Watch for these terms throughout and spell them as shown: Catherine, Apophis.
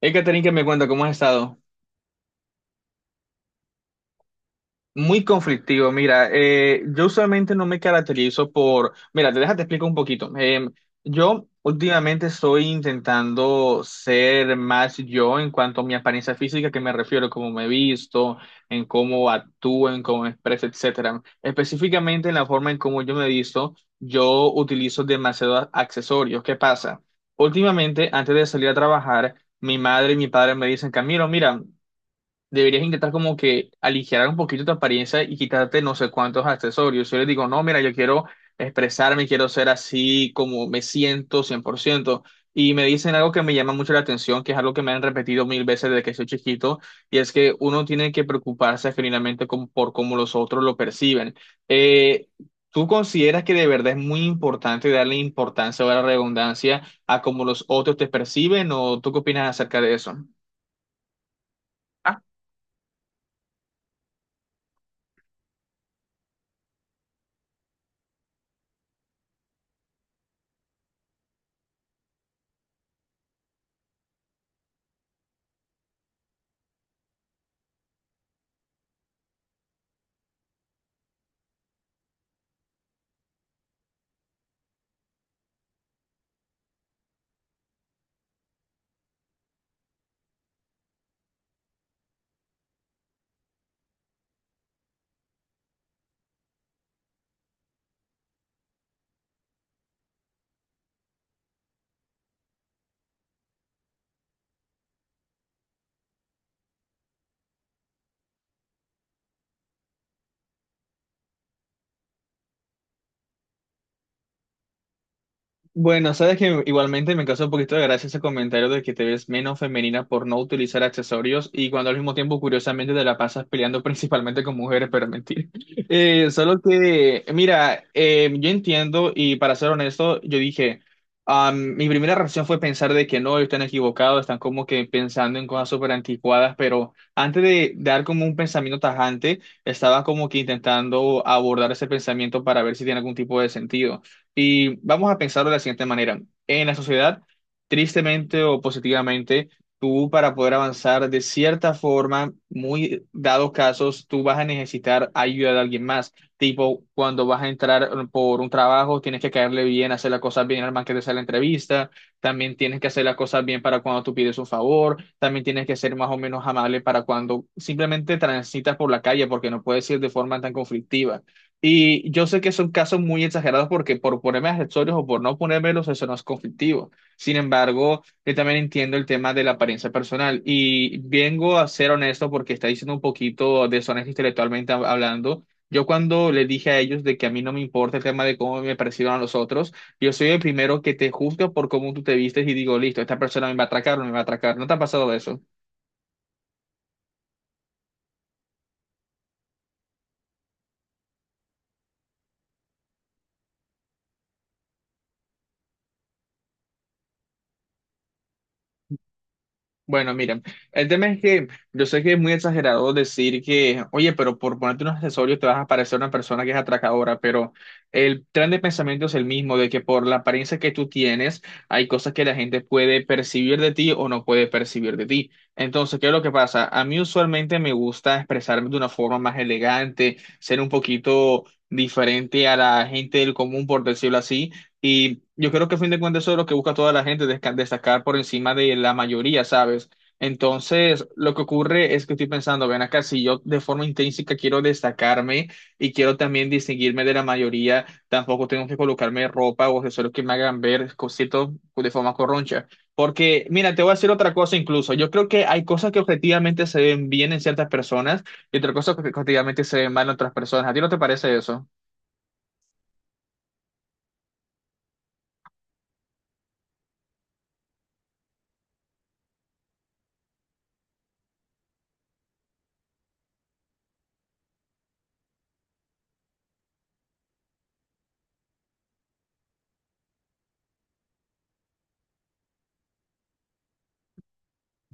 Hey, Catherine, que me cuenta cómo has estado. Muy conflictivo, mira, yo usualmente no me caracterizo por... Mira, te déjate explico un poquito. Yo últimamente estoy intentando ser más yo en cuanto a mi apariencia física, que me refiero cómo me visto, en cómo actúo, en cómo me expreso, etcétera. Específicamente en la forma en cómo yo me visto, yo utilizo demasiados accesorios. ¿Qué pasa? Últimamente, antes de salir a trabajar, mi madre y mi padre me dicen, Camilo, mira, deberías intentar como que aligerar un poquito tu apariencia y quitarte no sé cuántos accesorios. Yo les digo, no, mira, yo quiero expresarme, quiero ser así como me siento 100%. Y me dicen algo que me llama mucho la atención, que es algo que me han repetido mil veces desde que soy chiquito, y es que uno tiene que preocuparse genuinamente por cómo los otros lo perciben. Eh, ¿Tú consideras que de verdad es muy importante darle importancia o la redundancia a cómo los otros te perciben o tú qué opinas acerca de eso? Bueno, sabes que igualmente me causó un poquito de gracia ese comentario de que te ves menos femenina por no utilizar accesorios y cuando al mismo tiempo, curiosamente, te la pasas peleando principalmente con mujeres, pero mentir. Solo que, mira, yo entiendo y para ser honesto, yo dije, mi primera reacción fue pensar de que no, están equivocados, están como que pensando en cosas súper anticuadas, pero antes de dar como un pensamiento tajante, estaba como que intentando abordar ese pensamiento para ver si tiene algún tipo de sentido. Y vamos a pensarlo de la siguiente manera. En la sociedad, tristemente o positivamente, tú para poder avanzar de cierta forma, muy dados casos, tú vas a necesitar ayuda de alguien más. Tipo, cuando vas a entrar por un trabajo, tienes que caerle bien, hacer las cosas bien al más que te hacer la entrevista. También tienes que hacer las cosas bien para cuando tú pides un favor. También tienes que ser más o menos amable para cuando simplemente transitas por la calle, porque no puedes ir de forma tan conflictiva. Y yo sé que son casos muy exagerados porque por ponerme accesorios o por no ponérmelos, eso no es conflictivo. Sin embargo, yo también entiendo el tema de la apariencia personal y vengo a ser honesto porque está diciendo un poquito deshonesto intelectualmente hablando. Yo cuando le dije a ellos de que a mí no me importa el tema de cómo me perciban a los otros, yo soy el primero que te juzga por cómo tú te vistes y digo, listo, esta persona me va a atracar o no me va a atracar. ¿No te ha pasado eso? Bueno, miren, el tema es que yo sé que es muy exagerado decir que, oye, pero por ponerte un accesorio te vas a parecer una persona que es atracadora, pero el tren de pensamiento es el mismo, de que por la apariencia que tú tienes, hay cosas que la gente puede percibir de ti o no puede percibir de ti. Entonces, ¿qué es lo que pasa? A mí usualmente me gusta expresarme de una forma más elegante, ser un poquito diferente a la gente del común, por decirlo así. Y yo creo que a fin de cuentas eso es lo que busca toda la gente, destacar por encima de la mayoría, ¿sabes? Entonces, lo que ocurre es que estoy pensando, ven acá, si yo de forma intrínseca quiero destacarme y quiero también distinguirme de la mayoría, tampoco tengo que colocarme ropa o accesorios que me hagan ver cositos de forma corroncha. Porque, mira, te voy a decir otra cosa incluso. Yo creo que hay cosas que objetivamente se ven bien en ciertas personas y otras cosas que objetivamente se ven mal en otras personas. ¿A ti no te parece eso?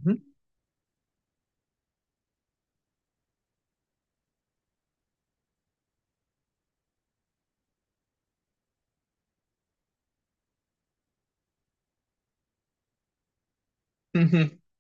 Ujú.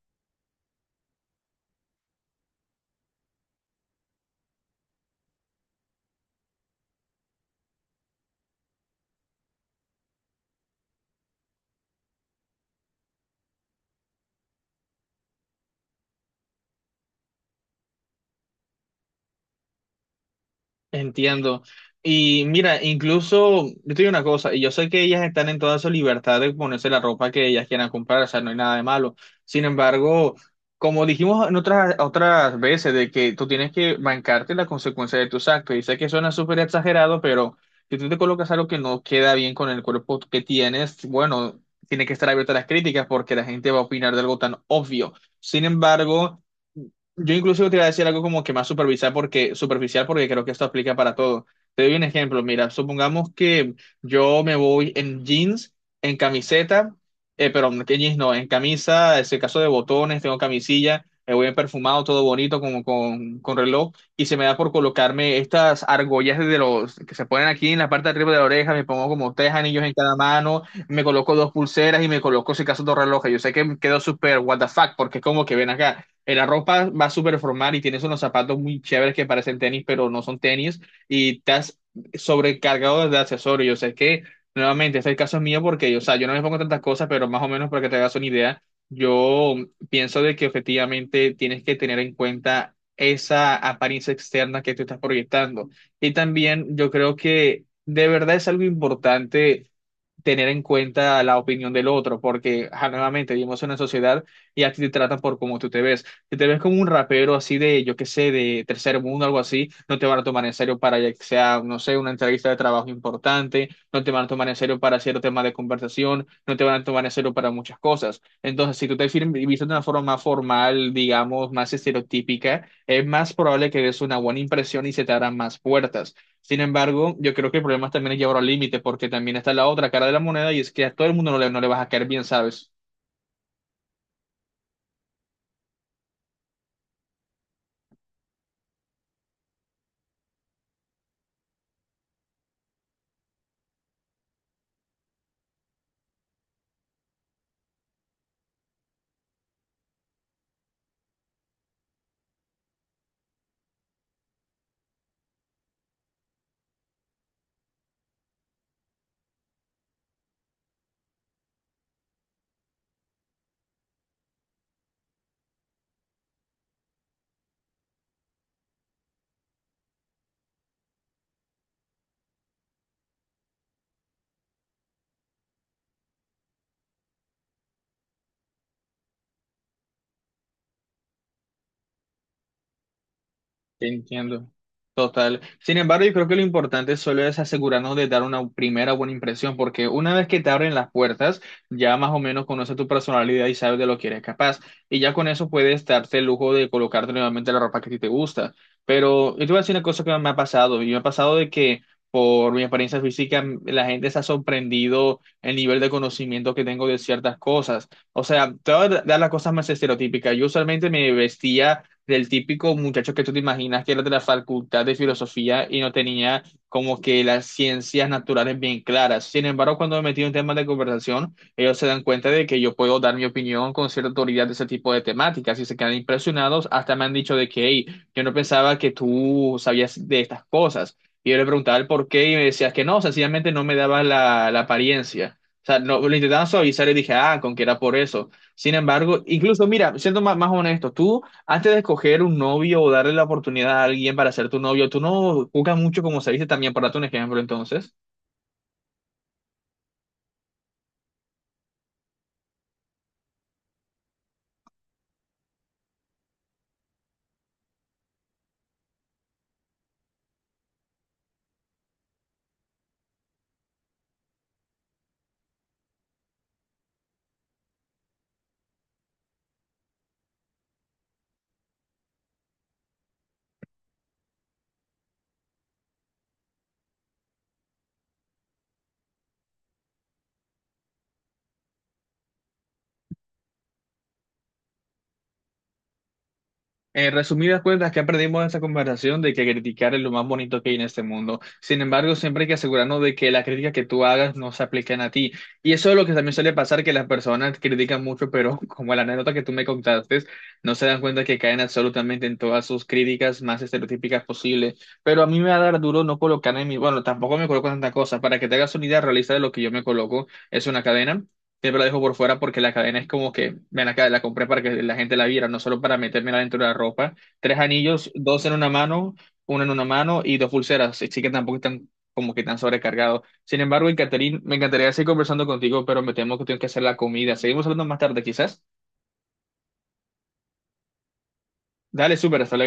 Entiendo. Y mira, incluso, yo te digo una cosa, y yo sé que ellas están en toda su libertad de ponerse la ropa que ellas quieran comprar, o sea, no hay nada de malo. Sin embargo, como dijimos en otras veces, de que tú tienes que bancarte la consecuencia de tus actos, y sé que suena súper exagerado, pero si tú te colocas algo que no queda bien con el cuerpo que tienes, bueno, tiene que estar abierta a las críticas porque la gente va a opinar de algo tan obvio. Sin embargo... Yo incluso te iba a decir algo como que más superficial porque creo que esto aplica para todo. Te doy un ejemplo. Mira, supongamos que yo me voy en jeans, en camiseta, pero en jeans no, en camisa, es el caso de botones, tengo camisilla, me voy en perfumado, todo bonito, como con reloj, y se me da por colocarme estas argollas de los que se ponen aquí en la parte de arriba de la oreja, me pongo como tres anillos en cada mano, me coloco dos pulseras y me coloco, si acaso, dos relojes. Yo sé que quedó súper what the fuck, porque es como que ven acá, la ropa va súper formal y tienes unos zapatos muy chéveres que parecen tenis, pero no son tenis, y estás sobrecargado de accesorios. Yo sé que, nuevamente, este es el caso mío porque, o sea, yo no me pongo tantas cosas, pero más o menos para que te hagas una idea, yo pienso de que efectivamente tienes que tener en cuenta esa apariencia externa que tú estás proyectando. Y también yo creo que de verdad es algo importante tener en cuenta la opinión del otro, porque ajá, nuevamente vivimos en una sociedad y a ti te tratan por cómo tú te ves. Si te ves como un rapero así de, yo qué sé, de tercer mundo, algo así, no te van a tomar en serio para ya que sea, no sé, una entrevista de trabajo importante, no te van a tomar en serio para cierto tema de conversación, no te van a tomar en serio para muchas cosas. Entonces, si tú te vistes de una forma más formal, digamos, más estereotípica, es más probable que des una buena impresión y se te abran más puertas. Sin embargo, yo creo que el problema también es llevarlo al límite, porque también está la otra cara de la moneda y es que a todo el mundo no le vas a caer bien, ¿sabes? Te entiendo. Total. Sin embargo, yo creo que lo importante solo es asegurarnos de dar una primera buena impresión, porque una vez que te abren las puertas, ya más o menos conoces tu personalidad y sabes de lo que eres capaz. Y ya con eso puedes darte el lujo de colocarte nuevamente la ropa que a ti te gusta. Pero yo te voy a decir una cosa que me ha pasado, y me ha pasado de que por mi apariencia física, la gente se ha sorprendido el nivel de conocimiento que tengo de ciertas cosas. O sea, te voy a dar las cosas más estereotípicas. Yo usualmente me vestía del típico muchacho que tú te imaginas que era de la facultad de filosofía y no tenía como que las ciencias naturales bien claras. Sin embargo, cuando me metí en temas de conversación, ellos se dan cuenta de que yo puedo dar mi opinión con cierta autoridad de ese tipo de temáticas y se quedan impresionados. Hasta me han dicho de que, hey, yo no pensaba que tú sabías de estas cosas. Y yo le preguntaba el por qué y me decías que no, sencillamente no me dabas la apariencia. O sea, no, lo intentaban suavizar y dije, ah, con que era por eso. Sin embargo, incluso, mira, siendo más honesto, tú antes de escoger un novio o darle la oportunidad a alguien para ser tu novio, tú no buscas mucho, como se dice también, para darte un ejemplo, entonces. En resumidas cuentas, que aprendimos de esta conversación de que criticar es lo más bonito que hay en este mundo. Sin embargo, siempre hay que asegurarnos de que las críticas que tú hagas no se apliquen a ti. Y eso es lo que también suele pasar, que las personas critican mucho, pero como la anécdota que tú me contaste, no se dan cuenta que caen absolutamente en todas sus críticas más estereotípicas posibles. Pero a mí me va a dar duro no colocar en mi... Bueno, tampoco me coloco tanta cosa. Para que te hagas una idea realista de lo que yo me coloco, es una cadena, siempre la dejo por fuera porque la cadena es como que, ven acá, la compré para que la gente la viera, no solo para metérmela dentro de la ropa. Tres anillos, dos en una mano, uno en una mano y dos pulseras, así que tampoco están como que tan sobrecargados. Sin embargo, Catherine, me encantaría seguir conversando contigo, pero me temo que tengo que hacer la comida. Seguimos hablando más tarde, quizás. Dale, súper, hasta luego.